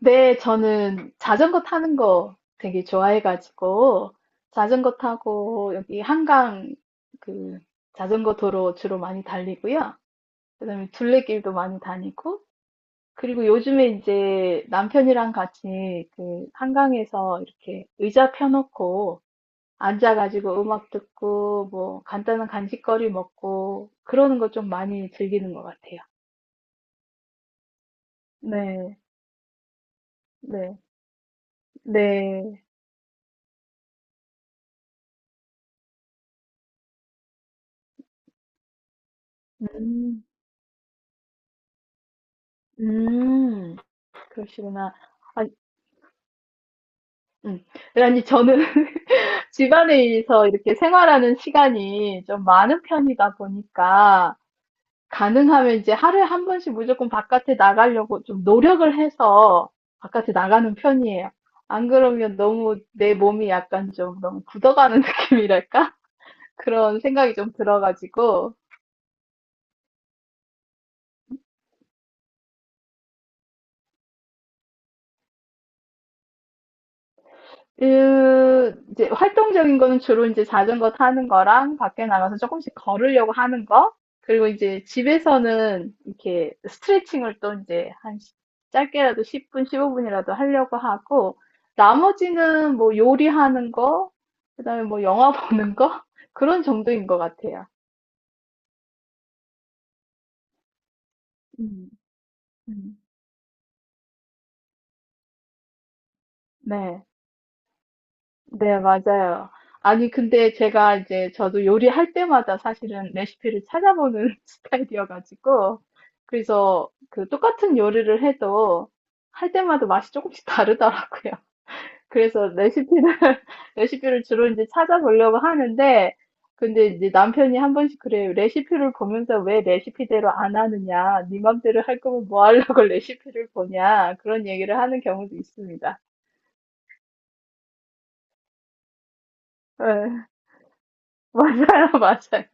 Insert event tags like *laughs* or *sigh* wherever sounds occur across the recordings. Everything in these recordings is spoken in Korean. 네, 저는 자전거 타는 거 되게 좋아해가지고, 자전거 타고 여기 한강 그 자전거 도로 주로 많이 달리고요. 그다음에 둘레길도 많이 다니고, 그리고 요즘에 이제 남편이랑 같이 그 한강에서 이렇게 의자 펴놓고 앉아가지고 음악 듣고 뭐 간단한 간식거리 먹고 그러는 거 좀 많이 즐기는 것 같아요. 네, 네, 네. 음, 음. 그러시구나. 아, 음. 네, 아니, 저는 *laughs* 집안에서 이렇게 생활하는 시간이 좀 많은 편이다 보니까, 가능하면 이제 하루에 한 번씩 무조건 바깥에 나가려고 좀 노력을 해서 바깥에 나가는 편이에요. 안 그러면 너무 내 몸이 약간 좀 너무 굳어가는 *laughs* 느낌이랄까? 그런 생각이 좀 들어가지고, 그, 이제 활동적인 거는 주로 이제 자전거 타는 거랑 밖에 나가서 조금씩 걸으려고 하는 거, 그리고 이제 집에서는 이렇게 스트레칭을 또 이제 짧게라도 10분, 15분이라도 하려고 하고, 나머지는 뭐 요리하는 거, 그다음에 뭐 영화 *laughs* 보는 거, 그런 정도인 것 같아요. 음, 음. 네. 네, 맞아요. 아니, 근데 제가 이제 저도 요리할 때마다 사실은 레시피를 찾아보는 *laughs* 스타일이어가지고, 그래서 그 똑같은 요리를 해도 할 때마다 맛이 조금씩 다르더라고요. 그래서 레시피를, *laughs* 레시피를 주로 이제 찾아보려고 하는데, 근데 이제 남편이 한 번씩 그래요. 레시피를 보면서 왜 레시피대로 안 하느냐. 네 맘대로 할 거면 뭐 하려고 *laughs* 레시피를 보냐. 그런 얘기를 하는 경우도 있습니다. 네, *laughs* 맞아요, 맞아요.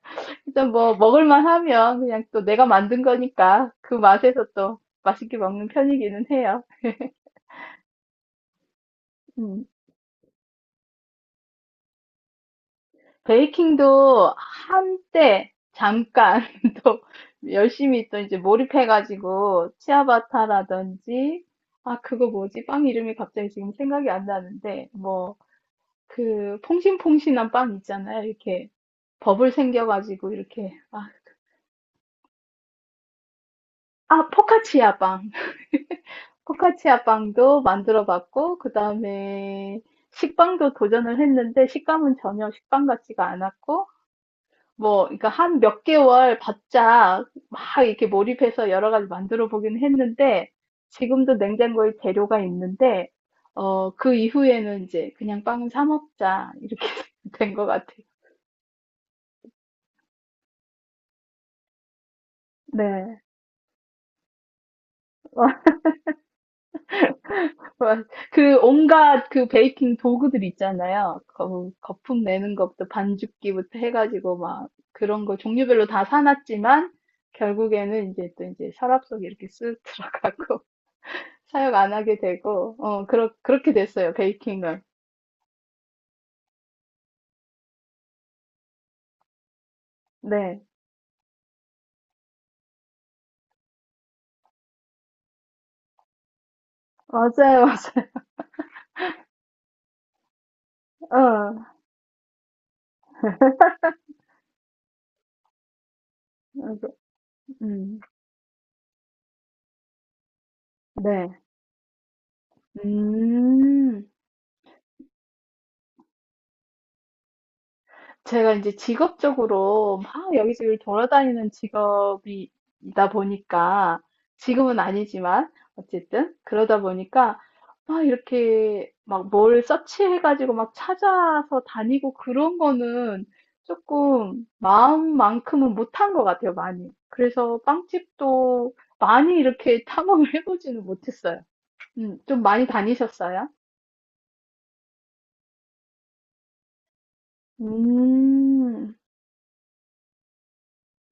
일단 뭐 먹을만 하면 그냥 또 내가 만든 거니까 그 맛에서 또 맛있게 먹는 편이기는 해요. 음. 베이킹도 한때 잠깐 *laughs* 또 열심히 또 이제 몰입해가지고 치아바타라든지 아 그거 뭐지? 빵 이름이 갑자기 지금 생각이 안 나는데 뭐 그 퐁신퐁신한 빵 있잖아요. 이렇게 버블 생겨가지고 이렇게 아, 아 포카치아 빵. 포카치아 빵도 만들어 봤고, 그 다음에 식빵도 도전을 했는데, 식감은 전혀 식빵 같지가 않았고, 뭐, 그러니까 한 몇 개월 바짝 막 이렇게 몰입해서 여러 가지 만들어 보긴 했는데, 지금도 냉장고에 재료가 있는데, 어, 그 이후에는 이제 그냥 빵은 사 먹자, 이렇게 *laughs* 된 것 같아요. 네. 어, *laughs* 맞- 그 온갖 그 베이킹 도구들 있잖아요. 거, 거품 내는 것부터 반죽기부터 해가지고 막 그런 거 종류별로 다 사놨지만 결국에는 이제 또 이제 서랍 속에 이렇게 쓱 들어가고 *laughs* 사용 안 하게 되고 어 그렇게 됐어요 베이킹을. 네 맞아요 *laughs* 맞아요. 어, 어, 그, 음, 네. 음, 제가 이제 직업적으로 막 여기저기 돌아다니는 직업이다 보니까 지금은 아니지만 어쨌든 그러다 보니까 막 이렇게 막 뭘 서치해 가지고 막 찾아서 다니고 그런 거는 조금 마음만큼은 못한 것 같아요 많이. 그래서 빵집도 많이 이렇게 탐험을 *laughs* 해 보지는 못했어요. 음. 좀 많이 다니셨어요? 음.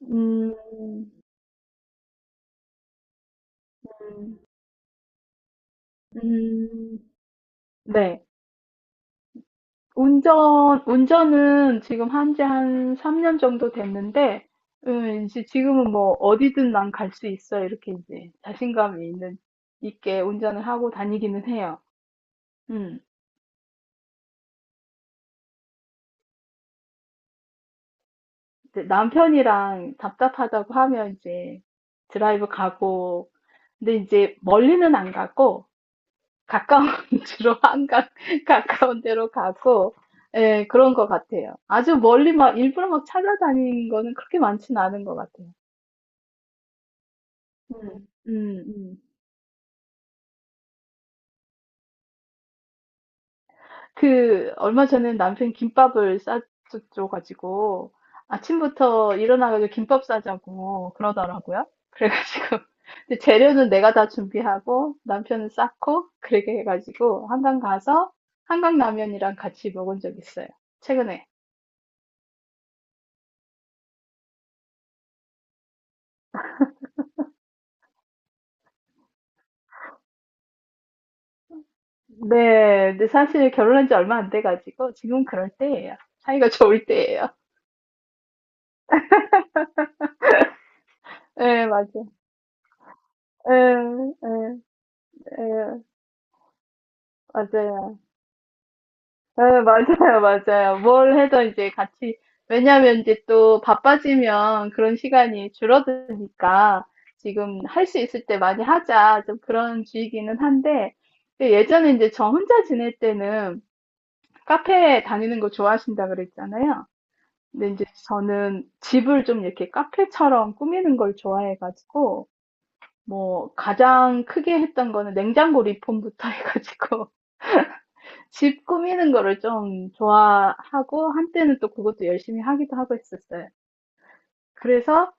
음. 음. 음. 네. 운전은 지금 한지 한 3년 정도 됐는데, 이제 지금은 뭐 어디든 난 갈 수 있어. 이렇게 이제 자신감이 있는, 있게 운전을 하고 다니기는 해요. 음, 이제 남편이랑 답답하다고 하면 이제 드라이브 가고, 근데 이제 멀리는 안 가고, 가까운 *laughs* 주로 한강, *laughs* 가까운 데로 가고, 예, 그런 것 같아요. 아주 멀리 막 일부러 막 찾아다니는 거는 그렇게 많지는 않은 것 같아요. 음, 음, 음. 그, 얼마 전에 남편 김밥을 싸줘가지고, 아침부터 일어나가지고 김밥 싸자고 그러더라고요. 그래가지고, *laughs* 근데 재료는 내가 다 준비하고, 남편은 싸고, 그렇게 해가지고, 한강 가서, 한강라면이랑 같이 먹은 적 있어요. 최근에. 네, 근데 사실 결혼한 지 얼마 안 돼가지고, 지금 그럴 때예요. 사이가 좋을 때예요. 네, 맞아 예, 예, 예, 맞아요. 네, 맞아요, 맞아요. 뭘 해도 이제 같이, 왜냐면 이제 또 바빠지면 그런 시간이 줄어드니까 지금 할 수 있을 때 많이 하자. 좀 그런 주의기는 한데, 근데 예전에 이제 저 혼자 지낼 때는 카페 다니는 거 좋아하신다 그랬잖아요. 근데 이제 저는 집을 좀 이렇게 카페처럼 꾸미는 걸 좋아해가지고, 뭐, 가장 크게 했던 거는 냉장고 리폼부터 *laughs* 해가지고, 집 꾸미는 거를 좀 좋아하고 한때는 또 그것도 열심히 하기도 하고 했었어요. 그래서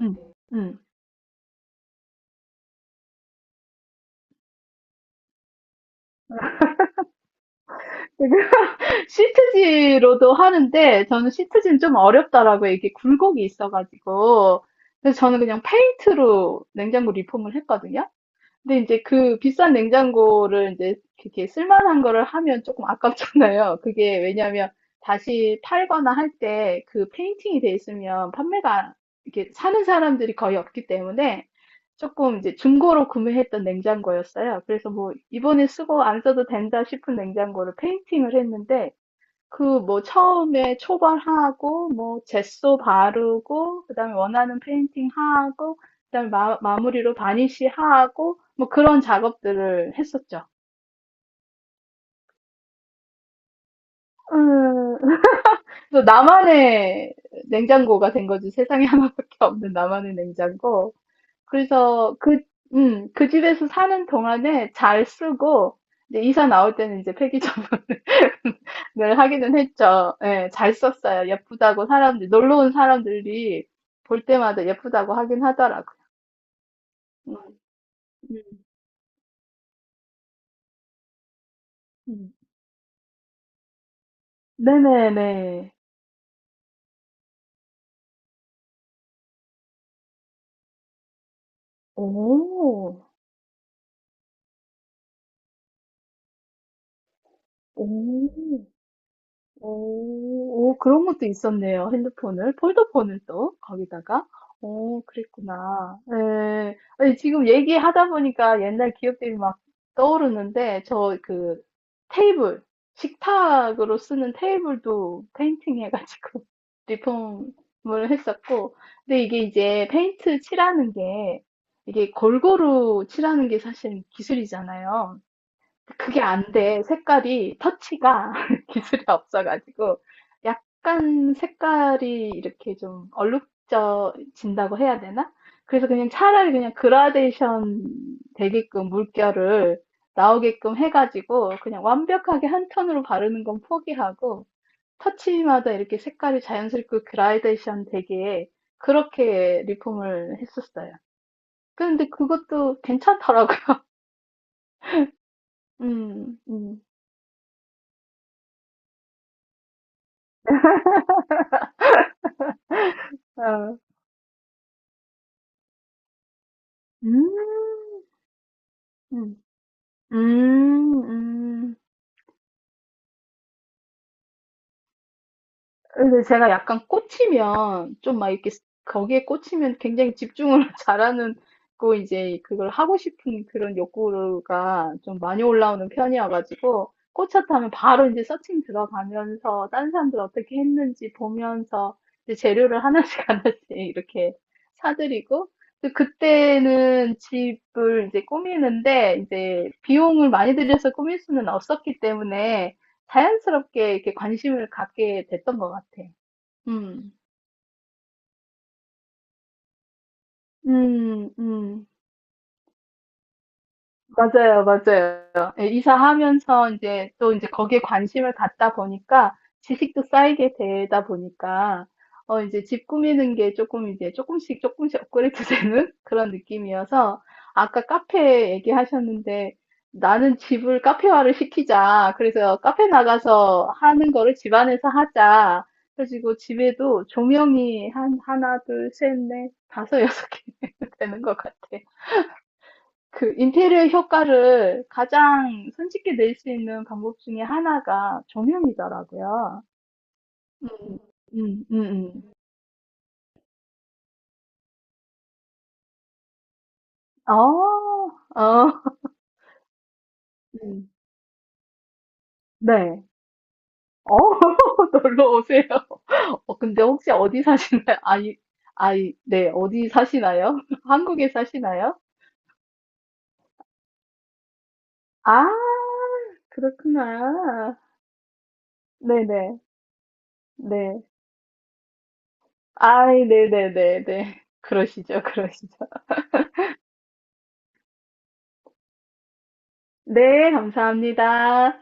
응, 응. *laughs* 시트지로도 하는데 저는 시트지는 좀 어렵더라고요. 이게 굴곡이 있어가지고 그래서 저는 그냥 페인트로 냉장고 리폼을 했거든요. 근데 이제 그 비싼 냉장고를 이제 이렇게 쓸만한 거를 하면 조금 아깝잖아요. *laughs* 그게 왜냐하면 다시 팔거나 할 때 그 페인팅이 돼 있으면 판매가 이렇게 사는 사람들이 거의 없기 때문에 조금 이제 중고로 구매했던 냉장고였어요. 그래서 뭐 '이번에 쓰고 안 써도 된다.' 싶은 냉장고를 페인팅을 했는데 그 뭐 처음에 초벌하고 뭐 젯소 바르고 그다음에 원하는 페인팅 하고 그다음에 마무리로 바니쉬 하고 뭐 그런 작업들을 했었죠. 음, 그래서 나만의 냉장고가 된 거지. 세상에 하나밖에 없는 나만의 냉장고. 그래서 그, 그 집에서 사는 동안에 잘 쓰고, 이제 이사 나올 때는 이제 폐기적으로 *laughs* 늘 하기는 했죠. 예, 잘 썼어요. 예쁘다고 사람들, 놀러 온 사람들이 볼 때마다 예쁘다고 하긴 하더라고요. 음, 음, 음. 네네네. 오, 오. 오, 오, 그런 것도 있었네요. 핸드폰을, 폴더폰을 또, 거기다가. 오, 그랬구나. 네. 아니, 지금 얘기하다 보니까 옛날 기억들이 막 떠오르는데, 저 그 테이블, 식탁으로 쓰는 테이블도 페인팅 해가지고 *laughs* 리폼을 했었고, 근데 이게 이제 페인트 칠하는 게, 이게 골고루 칠하는 게 사실 기술이잖아요. 그게 안 돼. 색깔이, 터치가 *laughs* 기술이 없어가지고, 약간 색깔이 이렇게 좀 얼룩져진다고 해야 되나? 그래서 그냥 차라리 그냥 그라데이션 되게끔 물결을 나오게끔 해가지고, 그냥 완벽하게 한 톤으로 바르는 건 포기하고, 터치마다 이렇게 색깔이 자연스럽게 그라데이션 되게, 그렇게 리폼을 했었어요. 근데 그것도 괜찮더라고요. *laughs* 음, 음, 어. 음. 음. 음, 음. 근데 제가 약간 꽂히면, 좀 막 이렇게, 거기에 꽂히면 굉장히 집중을 *laughs* 잘하는, 고 이제 그걸 하고 싶은 그런 욕구가 좀 많이 올라오는 편이어가지고, 꽂혔다면 바로 이제 서칭 들어가면서, 다른 사람들 어떻게 했는지 보면서, 이제 재료를 하나씩 *laughs* 하나씩 이렇게 사들이고, 또 그때는 집을 이제 꾸미는데, 이제 비용을 많이 들여서 꾸밀 수는 없었기 때문에, 자연스럽게 이렇게 관심을 갖게 됐던 것 같아. 음, 음, 음. 맞아요, 맞아요. 예, 이사하면서 이제 또 이제 거기에 관심을 갖다 보니까 지식도 쌓이게 되다 보니까 어제집 꾸미는 게 조금 이제 조금씩 조금씩 업그레이드 되는 *laughs* 그런 느낌이어서 아까 카페 얘기하셨는데 "나는 집을 카페화를 시키자. 그래서 카페 나가서 하는 거를 집 안에서 하자." 그래 가지고 집에도 조명이 한 하나, 둘, 셋, 넷, 다섯, 여섯 개 *laughs* 되는 것 같아요. 그 인테리어 효과를 가장 손쉽게 낼 수 있는 방법 중에 하나가 조명이더라고요. 음, 음, 음, 어, 어, 음. 네. 어, *laughs* 놀러 오세요. *laughs* 어, 근데 혹시 어디 사시나요? 아이, 아이, 네, 어디 사시나요? *laughs* 한국에 사시나요? 아, 그렇구나. 네네, 네. 네. 아이, 네네네네. 그러시죠, 그러시죠. 네, 감사합니다.